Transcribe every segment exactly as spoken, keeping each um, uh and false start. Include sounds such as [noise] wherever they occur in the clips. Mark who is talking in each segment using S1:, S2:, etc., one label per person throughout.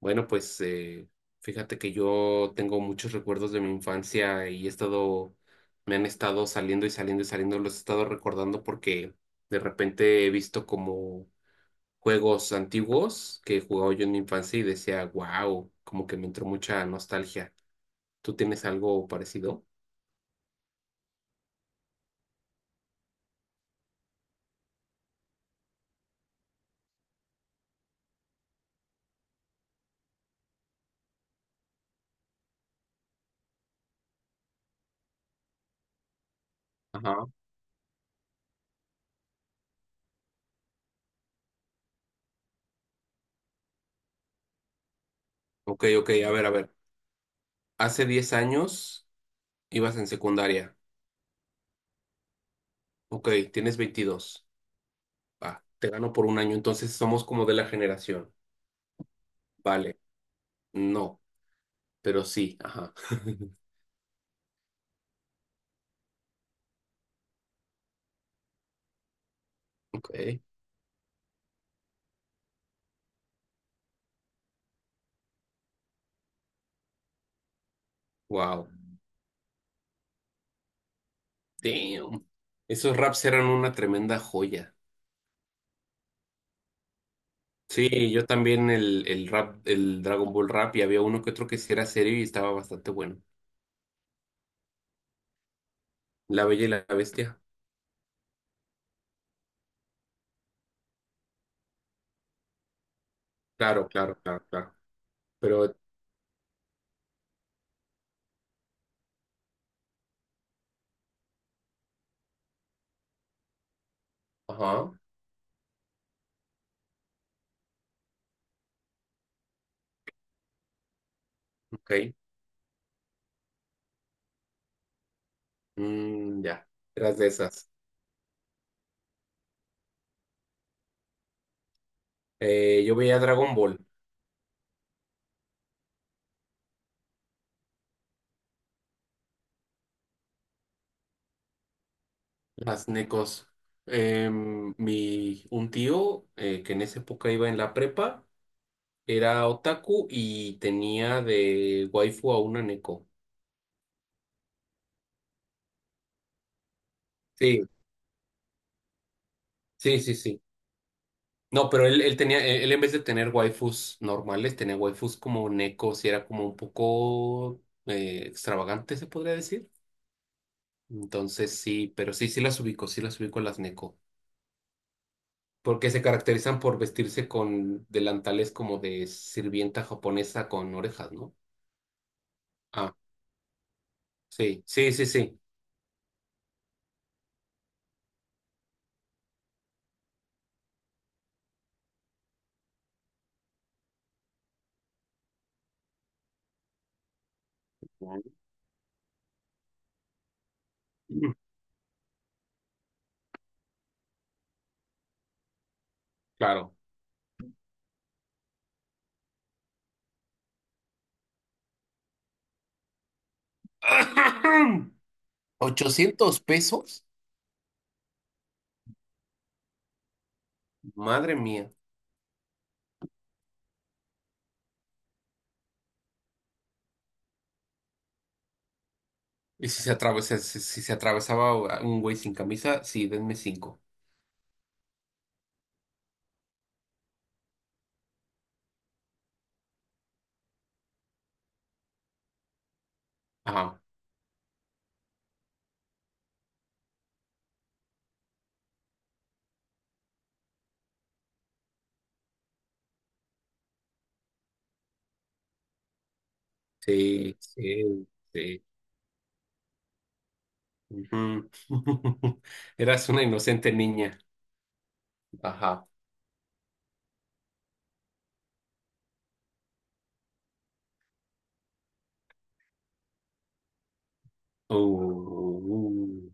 S1: Bueno, pues eh, fíjate que yo tengo muchos recuerdos de mi infancia y he estado, me han estado saliendo y saliendo y saliendo, los he estado recordando porque de repente he visto como juegos antiguos que jugaba yo en mi infancia y decía, wow, como que me entró mucha nostalgia. ¿Tú tienes algo parecido? Ajá. Ok, ok, a ver, a ver. Hace diez años ibas en secundaria. Ok, tienes veintidós. Va, te gano por un año, entonces somos como de la generación. Vale. No. pero sí, ajá. [laughs] Ok, wow, damn. Esos raps eran una tremenda joya. Sí, yo también el, el rap, el Dragon Ball rap, y había uno que otro que sí era serio y estaba bastante bueno. La Bella y la Bestia. Claro, claro, claro, claro. Pero, ajá, ok. Mm, ya, eras de esas. Eh, yo veía Dragon Ball, las necos. Em, mi, un tío eh, que en esa época iba en la prepa. Era otaku y tenía de waifu a una neko. Sí, sí, sí, sí. No, pero él, él tenía, él él en vez de tener waifus normales, tenía waifus como nekos y era como un poco eh, extravagante, se podría decir. Entonces sí, pero sí, sí las ubico, sí las ubico a las neko. Porque se caracterizan por vestirse con delantales como de sirvienta japonesa con orejas, ¿no? Ah, sí, sí, sí, sí. Claro. [clears throat] ochocientos pesos? Madre mía. Y si se atravesa, si, si se atravesaba un güey sin camisa, sí, denme cinco. Ajá. Sí, sí, sí. Ujú. [laughs] Eras una inocente niña. Ajá. Uh,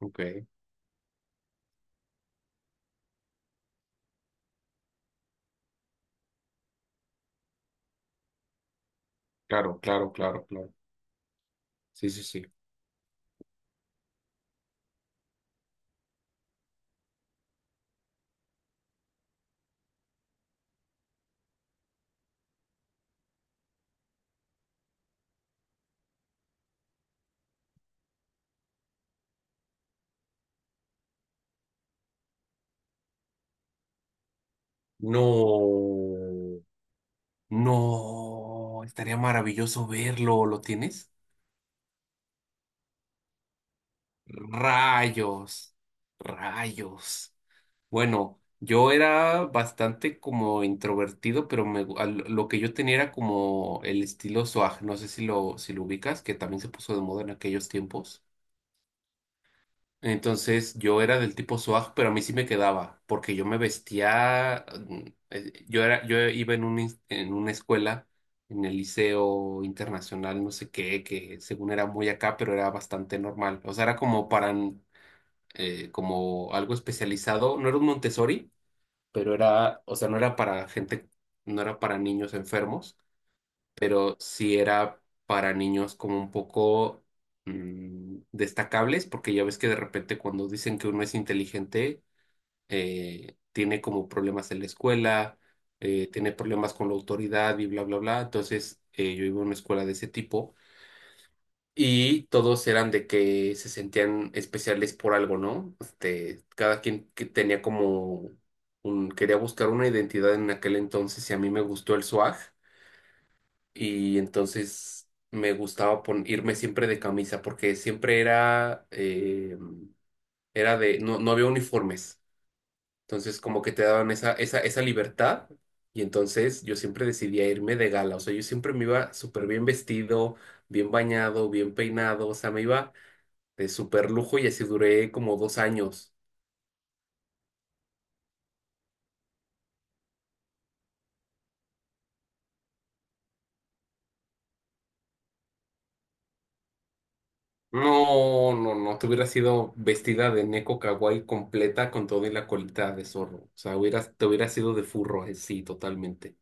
S1: ok. Claro, claro, claro, claro. Sí, sí, sí. No, no. Estaría maravilloso verlo. ¿Lo tienes? Rayos, rayos. Bueno, yo era bastante como introvertido, pero me, gu- al- lo que yo tenía era como el estilo swag, no sé si lo, si lo ubicas, que también se puso de moda en aquellos tiempos. Entonces yo era del tipo swag, pero a mí sí me quedaba, porque yo me vestía, mm, eh, yo era, yo iba en un ins- en una escuela, en el liceo internacional, no sé qué, que según era muy acá, pero era bastante normal. O sea, era como para, mm, eh, como algo especializado, no era un Montessori pero era, o sea, no era para gente, no era para niños enfermos, pero sí era para niños como un poco mm, destacables, porque ya ves que de repente cuando dicen que uno es inteligente, eh, tiene como problemas en la escuela, eh, tiene problemas con la autoridad y bla, bla, bla. Entonces, eh, yo iba a una escuela de ese tipo y todos eran de que se sentían especiales por algo, ¿no? Este, cada quien que tenía como un, quería buscar una identidad en aquel entonces y a mí me gustó el swag y entonces me gustaba pon- irme siempre de camisa porque siempre era, eh, era de, no, no había uniformes, entonces como que te daban esa, esa, esa libertad y entonces yo siempre decidía irme de gala, o sea, yo siempre me iba súper bien vestido, bien bañado, bien peinado, o sea, me iba de súper lujo y así duré como dos años. No, no, no, te hubieras sido vestida de Neko Kawaii completa con todo y la colita de zorro. O sea, hubieras, te hubieras sido de furro, eh, sí, totalmente.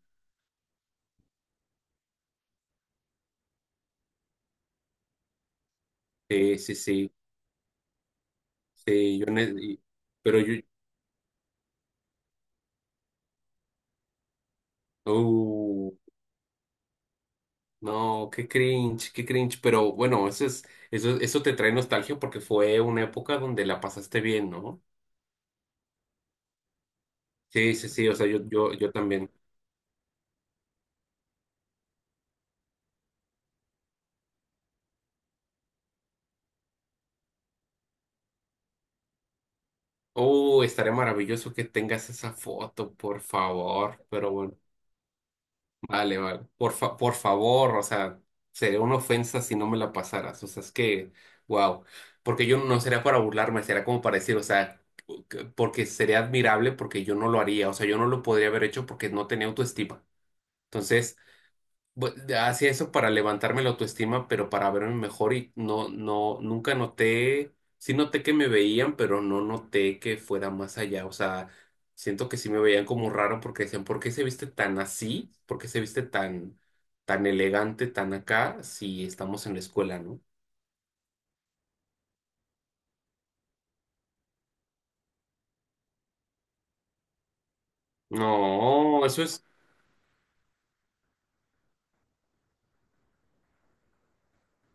S1: Sí, sí, sí, sí, yo, ne- y- pero yo, uh, no, qué cringe, qué cringe, pero bueno, eso es, eso, eso te trae nostalgia porque fue una época donde la pasaste bien, ¿no? Sí, sí, sí, o sea, yo, yo, yo también. Oh, estaría maravilloso que tengas esa foto, por favor, pero bueno. Vale, vale. Por fa- por favor, o sea, sería una ofensa si no me la pasaras. O sea, es que, wow. Porque yo no sería para burlarme, sería como para decir, o sea, que- porque sería admirable porque yo no lo haría. O sea, yo no lo podría haber hecho porque no tenía autoestima. Entonces, bu- hacía eso para levantarme la autoestima, pero para verme mejor y no, no, nunca noté, sí noté que me veían, pero no noté que fuera más allá. O sea, siento que sí me veían como raro porque decían, ¿por qué se viste tan así? ¿Por qué se viste tan, tan elegante, tan acá, si estamos en la escuela, ¿no? No, eso es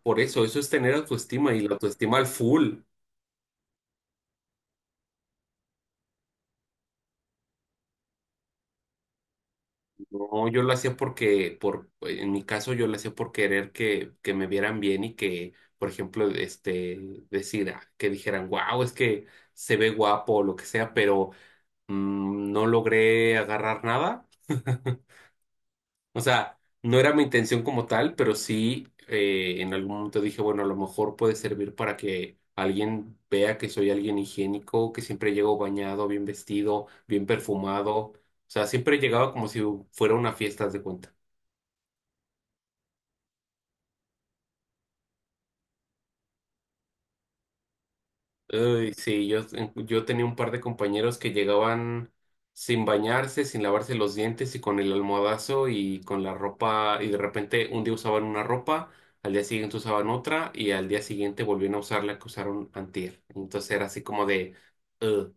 S1: por eso, eso es tener autoestima y la autoestima al full. No, yo lo hacía porque, por, en mi caso, yo lo hacía por querer que, que me vieran bien y que, por ejemplo, este, decir, ah, que dijeran, wow, es que se ve guapo o lo que sea, pero mm, no logré agarrar nada. [laughs] O sea, no era mi intención como tal, pero sí eh, en algún momento dije, bueno, a lo mejor puede servir para que alguien vea que soy alguien higiénico, que siempre llego bañado, bien vestido, bien perfumado. O sea, siempre llegaba como si fuera una fiesta, haz de cuenta. Uy, sí, yo, yo tenía un par de compañeros que llegaban sin bañarse, sin lavarse los dientes y con el almohadazo y con la ropa y de repente un día usaban una ropa, al día siguiente usaban otra y al día siguiente volvían a usar la que usaron antier. Entonces era así como de... "Ugh".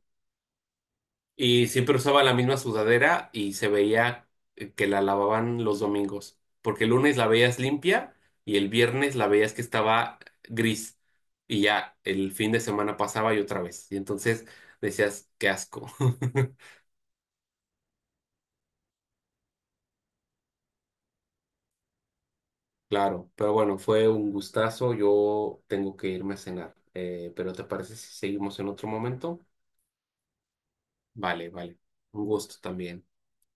S1: Y siempre usaba la misma sudadera y se veía eh, que la lavaban los domingos, porque el lunes la veías limpia y el viernes la veías que estaba gris y ya el fin de semana pasaba y otra vez. Y entonces decías, qué asco. [laughs] Claro, pero bueno, fue un gustazo. Yo tengo que irme a cenar, Eh, pero ¿te parece si seguimos en otro momento? Vale, vale. Un gusto también.